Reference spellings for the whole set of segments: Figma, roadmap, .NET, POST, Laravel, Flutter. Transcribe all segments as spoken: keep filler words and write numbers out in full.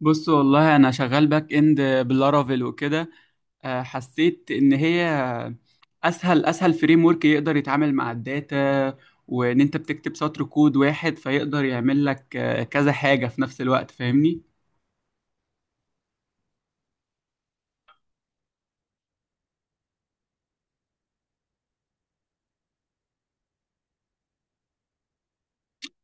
بص والله انا شغال باك اند باللارافيل وكده. آه، حسيت ان هي اسهل اسهل فريم ورك يقدر يتعامل مع الداتا، وان انت بتكتب سطر كود واحد فيقدر يعمل لك آه، كذا حاجة في نفس الوقت فاهمني.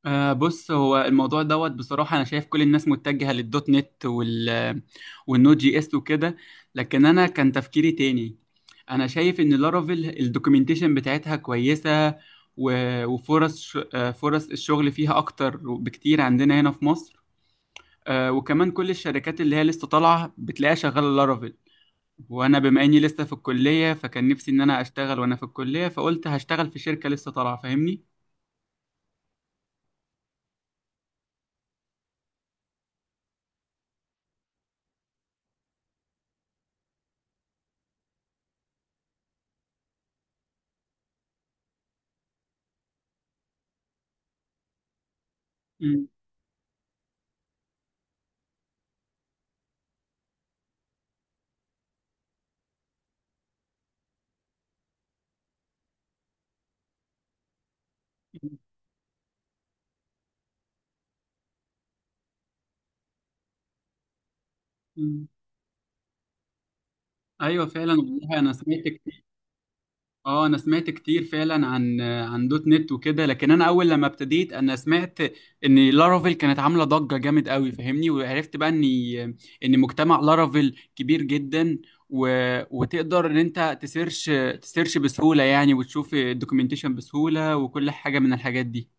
آه بص، هو الموضوع دوت بصراحة. أنا شايف كل الناس متجهة للدوت نت وال والنود جي اس وكده، لكن أنا كان تفكيري تاني. أنا شايف إن لارافيل الدوكيومنتيشن بتاعتها كويسة، و- وفرص ش- آه، فرص الشغل فيها أكتر بكتير عندنا هنا في مصر. آه، وكمان كل الشركات اللي هي لسه طالعة بتلاقيها شغالة لارافيل. وأنا بما إني لسه في الكلية، فكان نفسي إن أنا أشتغل وأنا في الكلية، فقلت هشتغل في شركة لسه طالعة فاهمني؟ مم. ايوه فعلا، والله انا سمعت كتير. اه انا سمعت كتير فعلا عن عن دوت نت وكده، لكن انا اول لما ابتديت انا سمعت ان لارافيل كانت عامله ضجه جامد قوي فاهمني. وعرفت بقى ان ان مجتمع لارافيل كبير جدا، و... وتقدر ان انت تسيرش تسيرش بسهوله يعني، وتشوف الدوكيومنتيشن بسهوله وكل حاجه من الحاجات دي.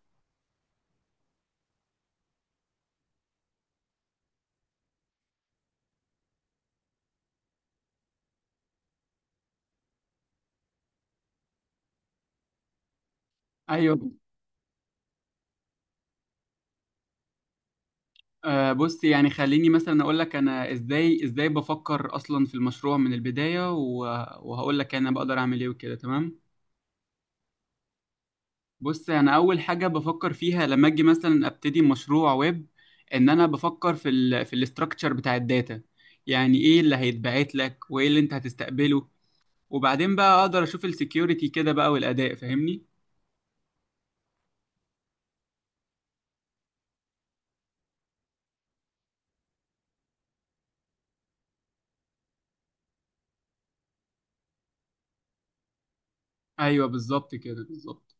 ايوه. آه بص، يعني خليني مثلا اقول لك انا ازاي ازاي بفكر اصلا في المشروع من البدايه، و... وهقول لك انا بقدر اعمل ايه وكده تمام. بص، انا اول حاجه بفكر فيها لما اجي مثلا ابتدي مشروع ويب ان انا بفكر في ال في الاستراكشر بتاع الداتا. يعني ايه اللي هيتبعت لك وايه اللي انت هتستقبله، وبعدين بقى اقدر اشوف السكيورتي كده بقى والاداء فاهمني. ايوه بالظبط كده بالظبط.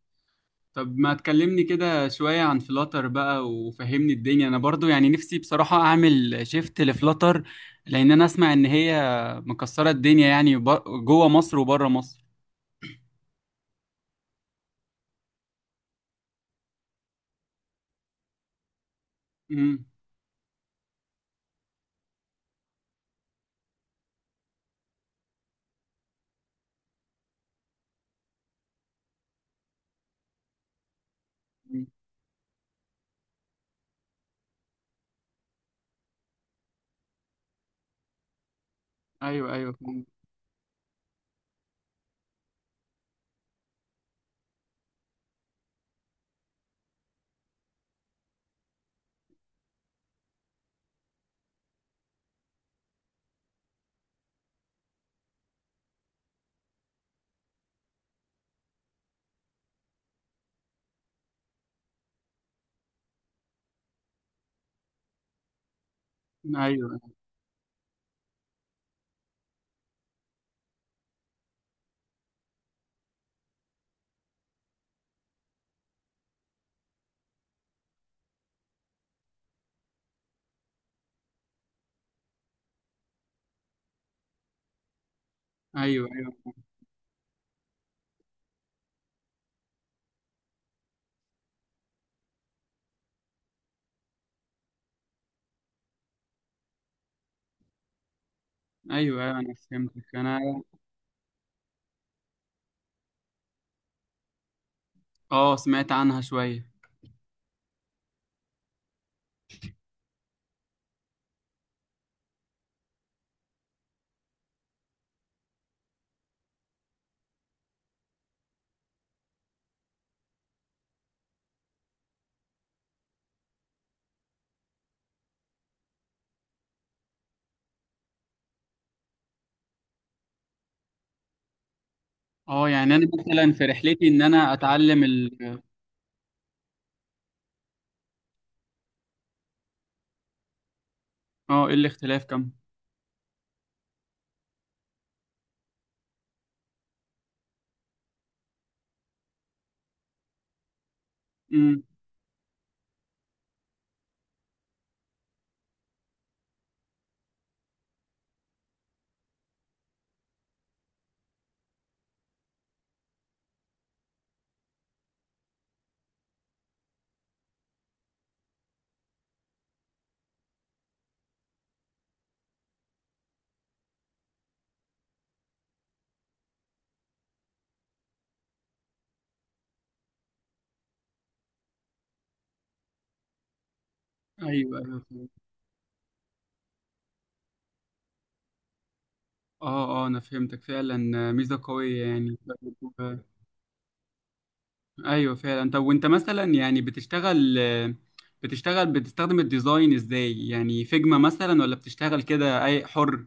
طب ما تكلمني كده شويه عن فلاتر بقى وفهمني الدنيا، انا برضو يعني نفسي بصراحه اعمل شيفت لفلاتر، لان انا اسمع ان هي مكسره الدنيا يعني بر- جوه مصر وبره مصر. امم. ايوه، ايوه، ايوه، ايوه، ايوه، ايوه، ايوه انا فهمتك، انا اه سمعت عنها شويه. اه يعني انا مثلا في رحلتي ان انا اتعلم ال اه ايه الاختلاف كم؟ امم. ايوه ايوه فهمت. اه اه انا فهمتك فعلا. ميزه قويه يعني. طيب، ايوه فعلا. طب وانت مثلا يعني بتشتغل بتشتغل بتستخدم الديزاين ازاي، يعني فيجما مثلا ولا بتشتغل كده اي حر؟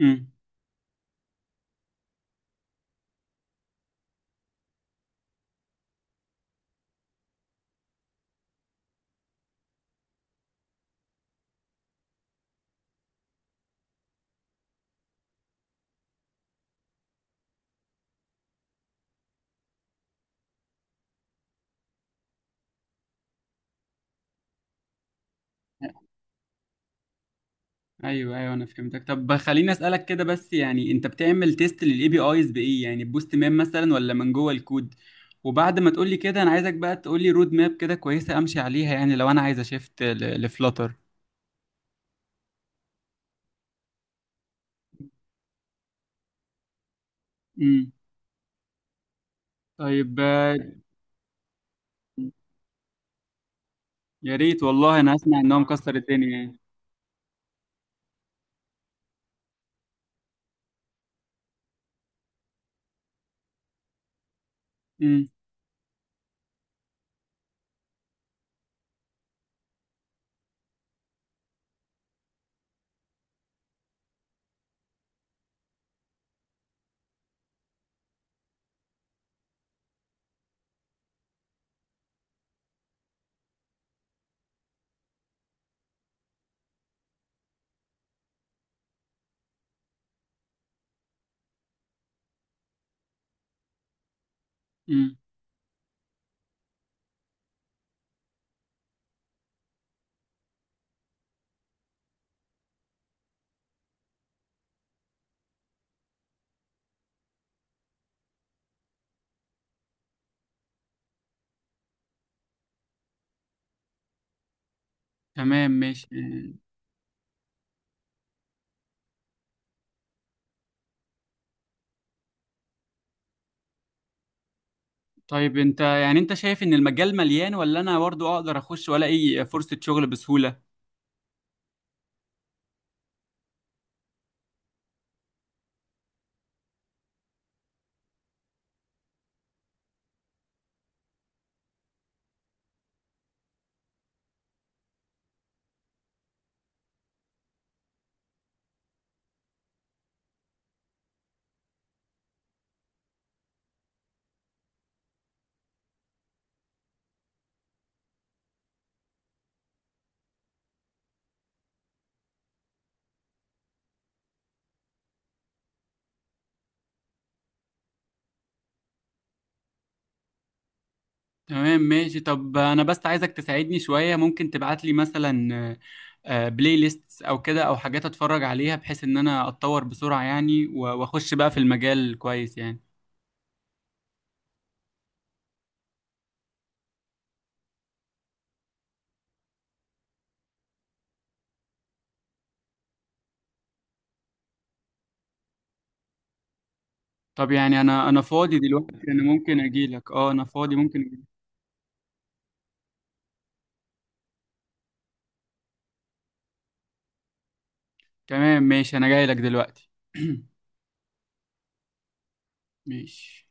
امم. ايوه ايوه انا فهمتك. طب خليني اسالك كده بس، يعني انت بتعمل تيست للاي بي ايز بايه، يعني بوست ماب مثلا ولا من جوه الكود؟ وبعد ما تقولي كده انا عايزك بقى تقولي رود ماب كده كويسه امشي عليها، يعني لو انا عايز اشفت لفلاتر. امم. طيب، آه، يا ريت والله انا اسمع ان هو مكسر الدنيا يعني. امم. امم. تمام ماشي. آه، طيب انت يعني انت شايف ان المجال مليان ولا انا برضو اقدر اخش ولا اي فرصه شغل بسهوله؟ تمام ماشي. طب انا بس عايزك تساعدني شوية، ممكن تبعت لي مثلا آه، آه، بلاي ليست او كده او حاجات اتفرج عليها بحيث ان انا اتطور بسرعة يعني، و- واخش بقى في المجال كويس يعني. طب يعني انا انا فاضي دلوقتي، انا ممكن اجي لك. اه انا فاضي ممكن أجيلك. تمام ماشي، انا جاي لك دلوقتي. ماشي.